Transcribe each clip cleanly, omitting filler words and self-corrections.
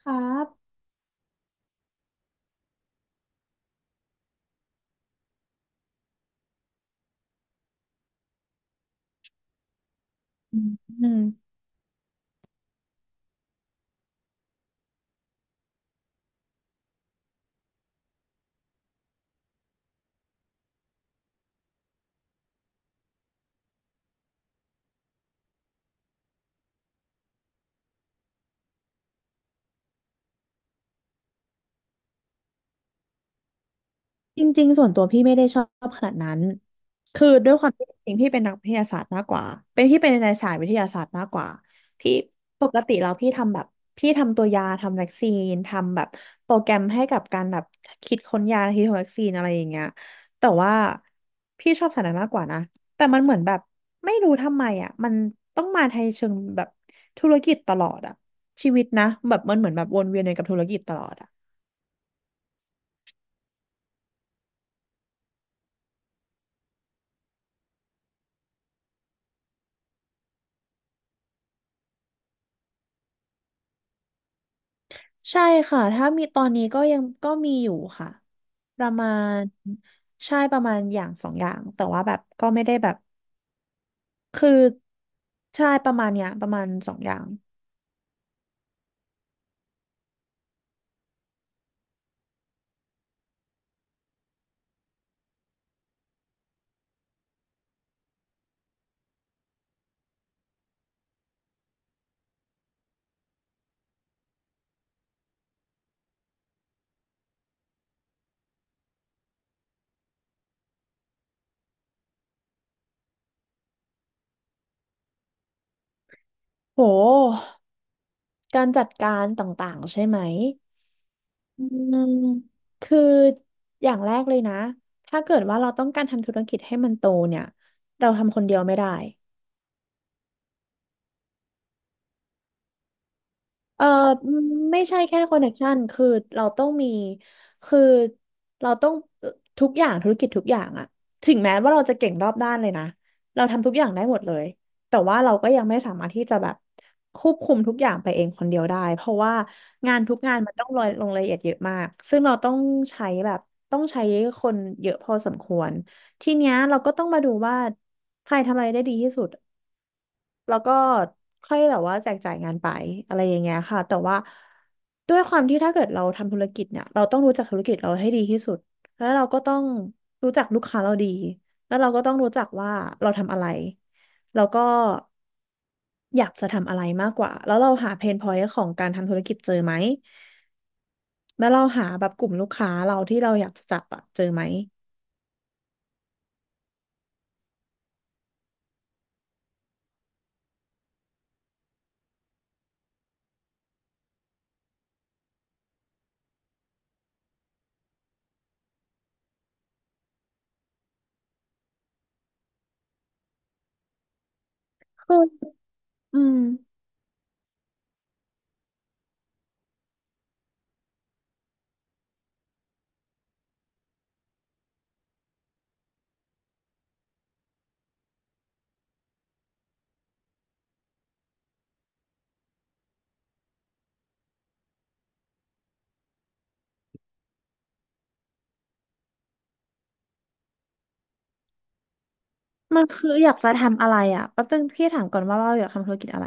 ครับอืมอืมจริงๆส่วนตัวพี่ไม่ได้ชอบขนาดนั้นคือด้วยความที่จริงๆพี่เป็นนักวิทยาศาสตร์มากกว่าเป็นพี่เป็นในสายวิทยาศาสตร์มากกว่าพี่ปกติแล้วพี่ทำแบบพี่ทำตัวยาทำวัคซีนทำแบบโปรแกรมให้กับการแบบคิดค้นยาคิดค้นวัคซีนอะไรอย่างเงี้ยแต่ว่าพี่ชอบสายนั้นมากกว่านะแต่มันเหมือนแบบไม่รู้ทำไมอ่ะมันต้องมาในเชิงแบบธุรกิจตลอดอ่ะชีวิตนะแบบมันเหมือนแบบวนเวียนอยู่กับธุรกิจตลอดอ่ะ ใช่ค่ะถ้ามีตอนนี้ก็ยังก็มีอยู่ค่ะประมาณใช่ประมาณอย่างสองอย่างแต่ว่าแบบก็ไม่ได้แบบคือใช่ประมาณเนี้ยประมาณสองอย่างโหการจัดการต่างๆใช่ไหมอืมคืออย่างแรกเลยนะถ้าเกิดว่าเราต้องการทำธุรกิจให้มันโตเนี่ยเราทำคนเดียวไม่ได้ เออไม่ใช่แค่คอนเน c t ชันคือเราต้องมีคือเราต้องเอ่อทุกอย่างธุรกิจทุกอย่างอะถึงแม้ว่าเราจะเก่งรอบด้านเลยนะเราทำทุกอย่างได้หมดเลยแต่ว่าเราก็ยังไม่สามารถที่จะแบบควบคุมทุกอย่างไปเองคนเดียวได้เพราะว่างานทุกงานมันต้องลงลงรายละเอียดเยอะมากซึ่งเราต้องใช้แบบต้องใช้คนเยอะพอสมควรทีเนี้ยเราก็ต้องมาดูว่าใครทำอะไรได้ดีที่สุด แล้วก็ค่อยแบบว่าแจกจ่ายงานไปอะไรอย่างเงี้ยค่ะแต่ว่าด้วยความที่ถ้าเกิดเราทำธุรกิจเนี่ยเราต้องรู้จักธุรกิจเราให้ดีที่สุดแล้วเราก็ต้องรู้จักลูกค้าเราดีแล้วเราก็ต้องรู้จักว่าเราทำอะไรแล้วก็อยากจะทำอะไรมากกว่าแล้วเราหาเพนพอยต์ของการทำธุรกิจเจอไหมแล้วเราหาแบบกลุ่มลูกค้าเราที่เราอยากจะจับอะเจอไหมคืออืมมันคืออยากจะทำอะไรอะแป๊บนึงพี่ถามก่อนว่าเราอยากทำธุรกิจอะไร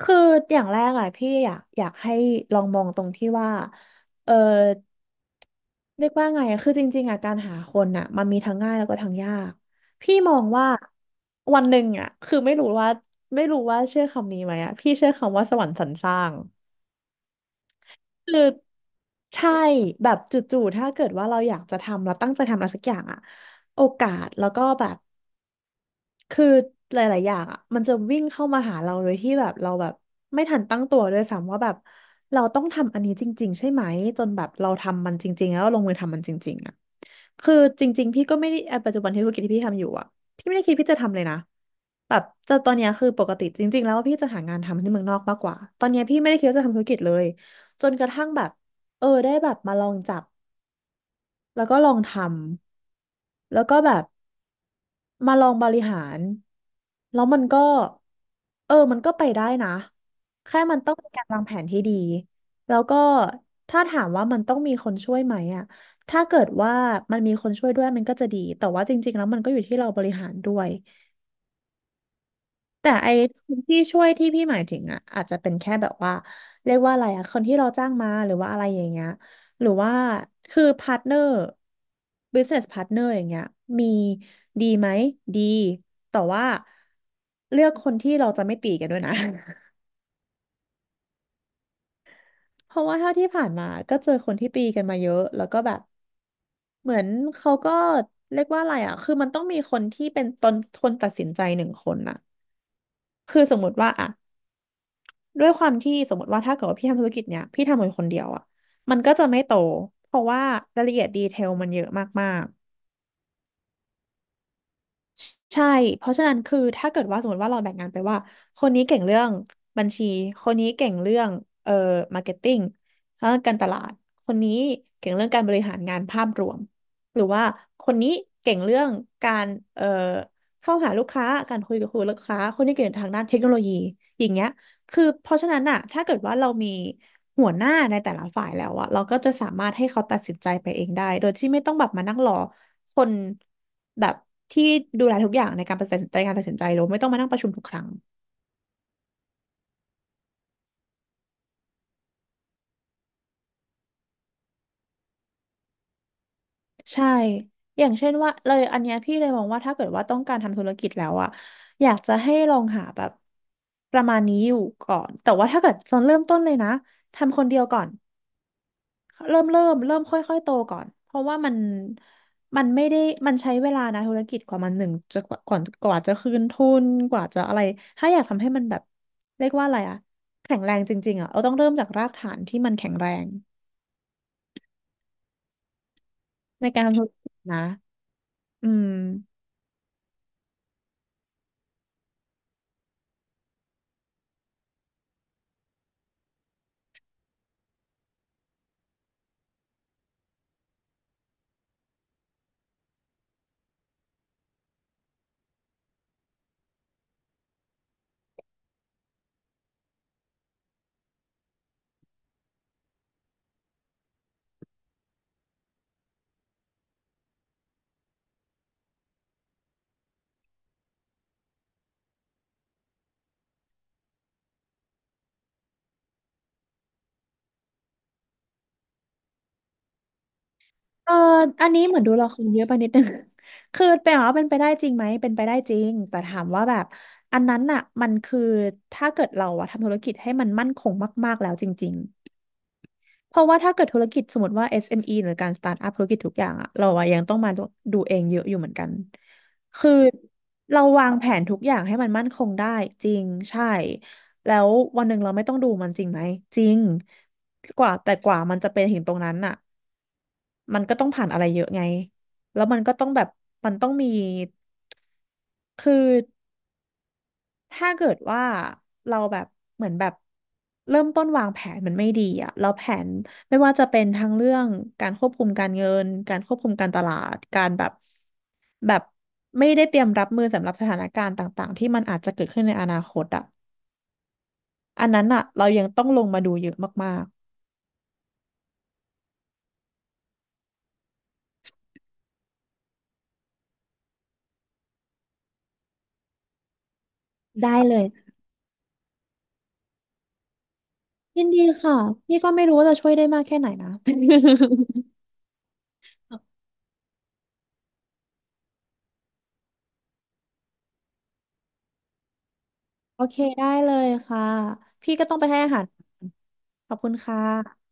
คืออย่างแรกอ่ะพี่อยากให้ลองมองตรงที่ว่าเออเรียกว่าไงอะคือจริงๆอ่ะการหาคนอ่ะมันมีทั้งง่ายแล้วก็ทั้งยากพี่มองว่าวันหนึ่งอ่ะคือไม่รู้ว่าเชื่อคำนี้ไหมอ่ะพี่เชื่อคำว่าสวรรค์สรรสร้างคือใช่แบบจู่ๆถ้าเกิดว่าเราอยากจะทำเราตั้งใจทำอะไรสักอย่างอะโอกาสแล้วก็แบบ คือหลายๆ อย่างอ่ะมันจะวิ่งเข้ามาหาเราโดยที่แบบเราแบบไม่ทันตั้งตัวด้วยซ้ำว่าแบบเราต้องทำอันนี้จริงๆใช่ไหมจนแบบเราทำมันจริงๆ แล้วลงมือทำมันจริงๆอ่ะคือจริงๆพี่ก็ไม่ได้ปัจจุบันที่ธุรกิจที่พี่ทำอยู่อ่ะพี่ไม่ได้คิดพี่จะทำเลยนะแบบจะตอนเนี้ยคือปกติจริงๆ แล้วพี่จะหางานทำที่เมืองนอกมากกว่าตอนเนี้ยพี่ไม่ได้คิดว่าจะทำธุรกิจเลยจนกระทั่งแบบเออได้แบบมาลองจับแล้วก็ลองทำแล้วก็แบบ มาลองบริหารแล้วมันก็เออมันก็ไปได้นะแค่มันต้องมีการวางแผนที่ดีแล้วก็ถ้าถามว่ามันต้องมีคนช่วยไหมอะถ้าเกิดว่ามันมีคนช่วยด้วยมันก็จะดีแต่ว่าจริงๆแล้วมันก็อยู่ที่เราบริหารด้วย ที่ช่วยที่พี่หมายถึงอ่ะอาจจะเป็นแค่แบบว่าเรียกว่าอะไรอ่ะคนที่เราจ้างมาหรือว่าอะไรอย่างเงี้ยหรือว่าคือพาร์ทเนอร์ business partner อย่างเงี้ยมีดีไหมดีแต่ว่าเลือกคนที่เราจะไม่ตีกันด้วยนะ เพราะว่าเท่าที่ผ่านมาก็เจอคนที่ตีกันมาเยอะแล้วก็แบบเหมือนเขาก็เรียกว่าอะไรอ่ะคือมันต้องมีคนที่เป็นตนคนตัดสินใจหนึ่งคนอ่ะคือสมมติว่าอ่ะ ด้วยความที่สมมติว่าถ้าเกิดว่าพี่ทำธุรกิจเนี้ยพี่ทำคนคนเดียวอ่ะมันก็จะไม่โตเพราะว่ารายละเอียดดีเทลมันเยอะมากๆใช่เพราะฉะนั้นคือถ้าเกิดว่าสมมติว่าเราแบ่งงานไปว่าคนนี้เก่งเรื่องบัญชีคนนี้เก่งเรื่องเอ่อมาร์เก็ตติ้งแล้วการตลาดคนนี้เก่งเรื่องการบริหารงานภาพรวมหรือว่าคนนี้เก่งเรื่องการเอ่อเข้าหาลูกค้าการคุยกับคุยลูกค้าคนนี้เก่งทางด้านเทคโนโลยีอย่างเงี้ย คือเพราะฉะนั้นอะถ้าเกิดว่าเรามีหัวหน้าในแต่ละฝ่ายแล้วอะเราก็จะสามารถให้เขาตัดสินใจไปเองได้โดยที่ไม่ต้องแบบมานั่งรอคนแบบที่ดูแลทุกอย่างในการตัดสินใจการตัดสินใจหรือไม่ต้องมานั่งประชุมทุกครั้งใช่อย่างเช่นว่าเลยอันเนี้ยพี่เลยมองว่าถ้าเกิดว่าต้องการทำธุรกิจแล้วอะอยากจะให้ลองหาแบบประมาณนี้อยู่ก่อนแต่ว่าถ้าเกิดตอนเริ่มต้นเลยนะทำคนเดียวก่อน เริ่มค่อยๆโตก่อนเพราะว่ามันไม่ได้มันใช้เวลานะธุรกิจกว่ามันหนึ่งจะกว่าก่อนกว่าจะคืนทุนกว่าจะอะไรถ้าอยากทำให้มันแบบเรียกว่าอะไรอะแข็งแรงจริงๆอะเราต้องเริ่มจากรากฐานที่มันแข็งแรงในการทำธุรกิจนะอืมเอออันนี้เหมือนดูละครเยอะไปนิดนึง คือเป็นว่าเป็นไปได้จริงไหมเป็นไปได้จริงแต่ถามว่าแบบอันนั้นน่ะมันคือถ้าเกิดเราอะทำธุรกิจให้มันมั่นคงมากๆแล้วจริง เพราะว่าถ้าเกิดธุรกิจสมมติว่า SME หรือการสตาร์ทอัพธุรกิจทุกอย่างอะเราอะยังต้องมาดูเองเยอะอยู่เหมือนกันคือเราวางแผนทุกอย่างให้มันมั่นคงได้จริงใช่แล้ววันหนึ่งเราไม่ต้องดูมันจริงไหมจริงกว่าแต่กว่ามันจะเป็นถึงตรงนั้นอะมันก็ต้องผ่านอะไรเยอะไงแล้วมันก็ต้องแบบมันต้องมีคือ ถ้าเกิดว่าเราแบบเหมือนแบบเริ่มต้นวางแผนมันไม่ดีอะเราแผนไม่ว่าจะเป็นทั้งเรื่องการควบคุมการเงินการควบคุมการตลาดการแบบไม่ได้เตรียมรับมือสำหรับสถานการณ์ต่างๆที่มันอาจจะเกิดขึ้นในอนาคตอะอันนั้นอะเรายังต้องลงมาดูเยอะมากๆได้เลยยินดีค่ะพี่ก็ไม่รู้ว่าจะช่วยได้มากแค่ไหนนะ โอเคได้เลยค่ะพี่ก็ต้องไปให้อาหารขอบคุณค่ะ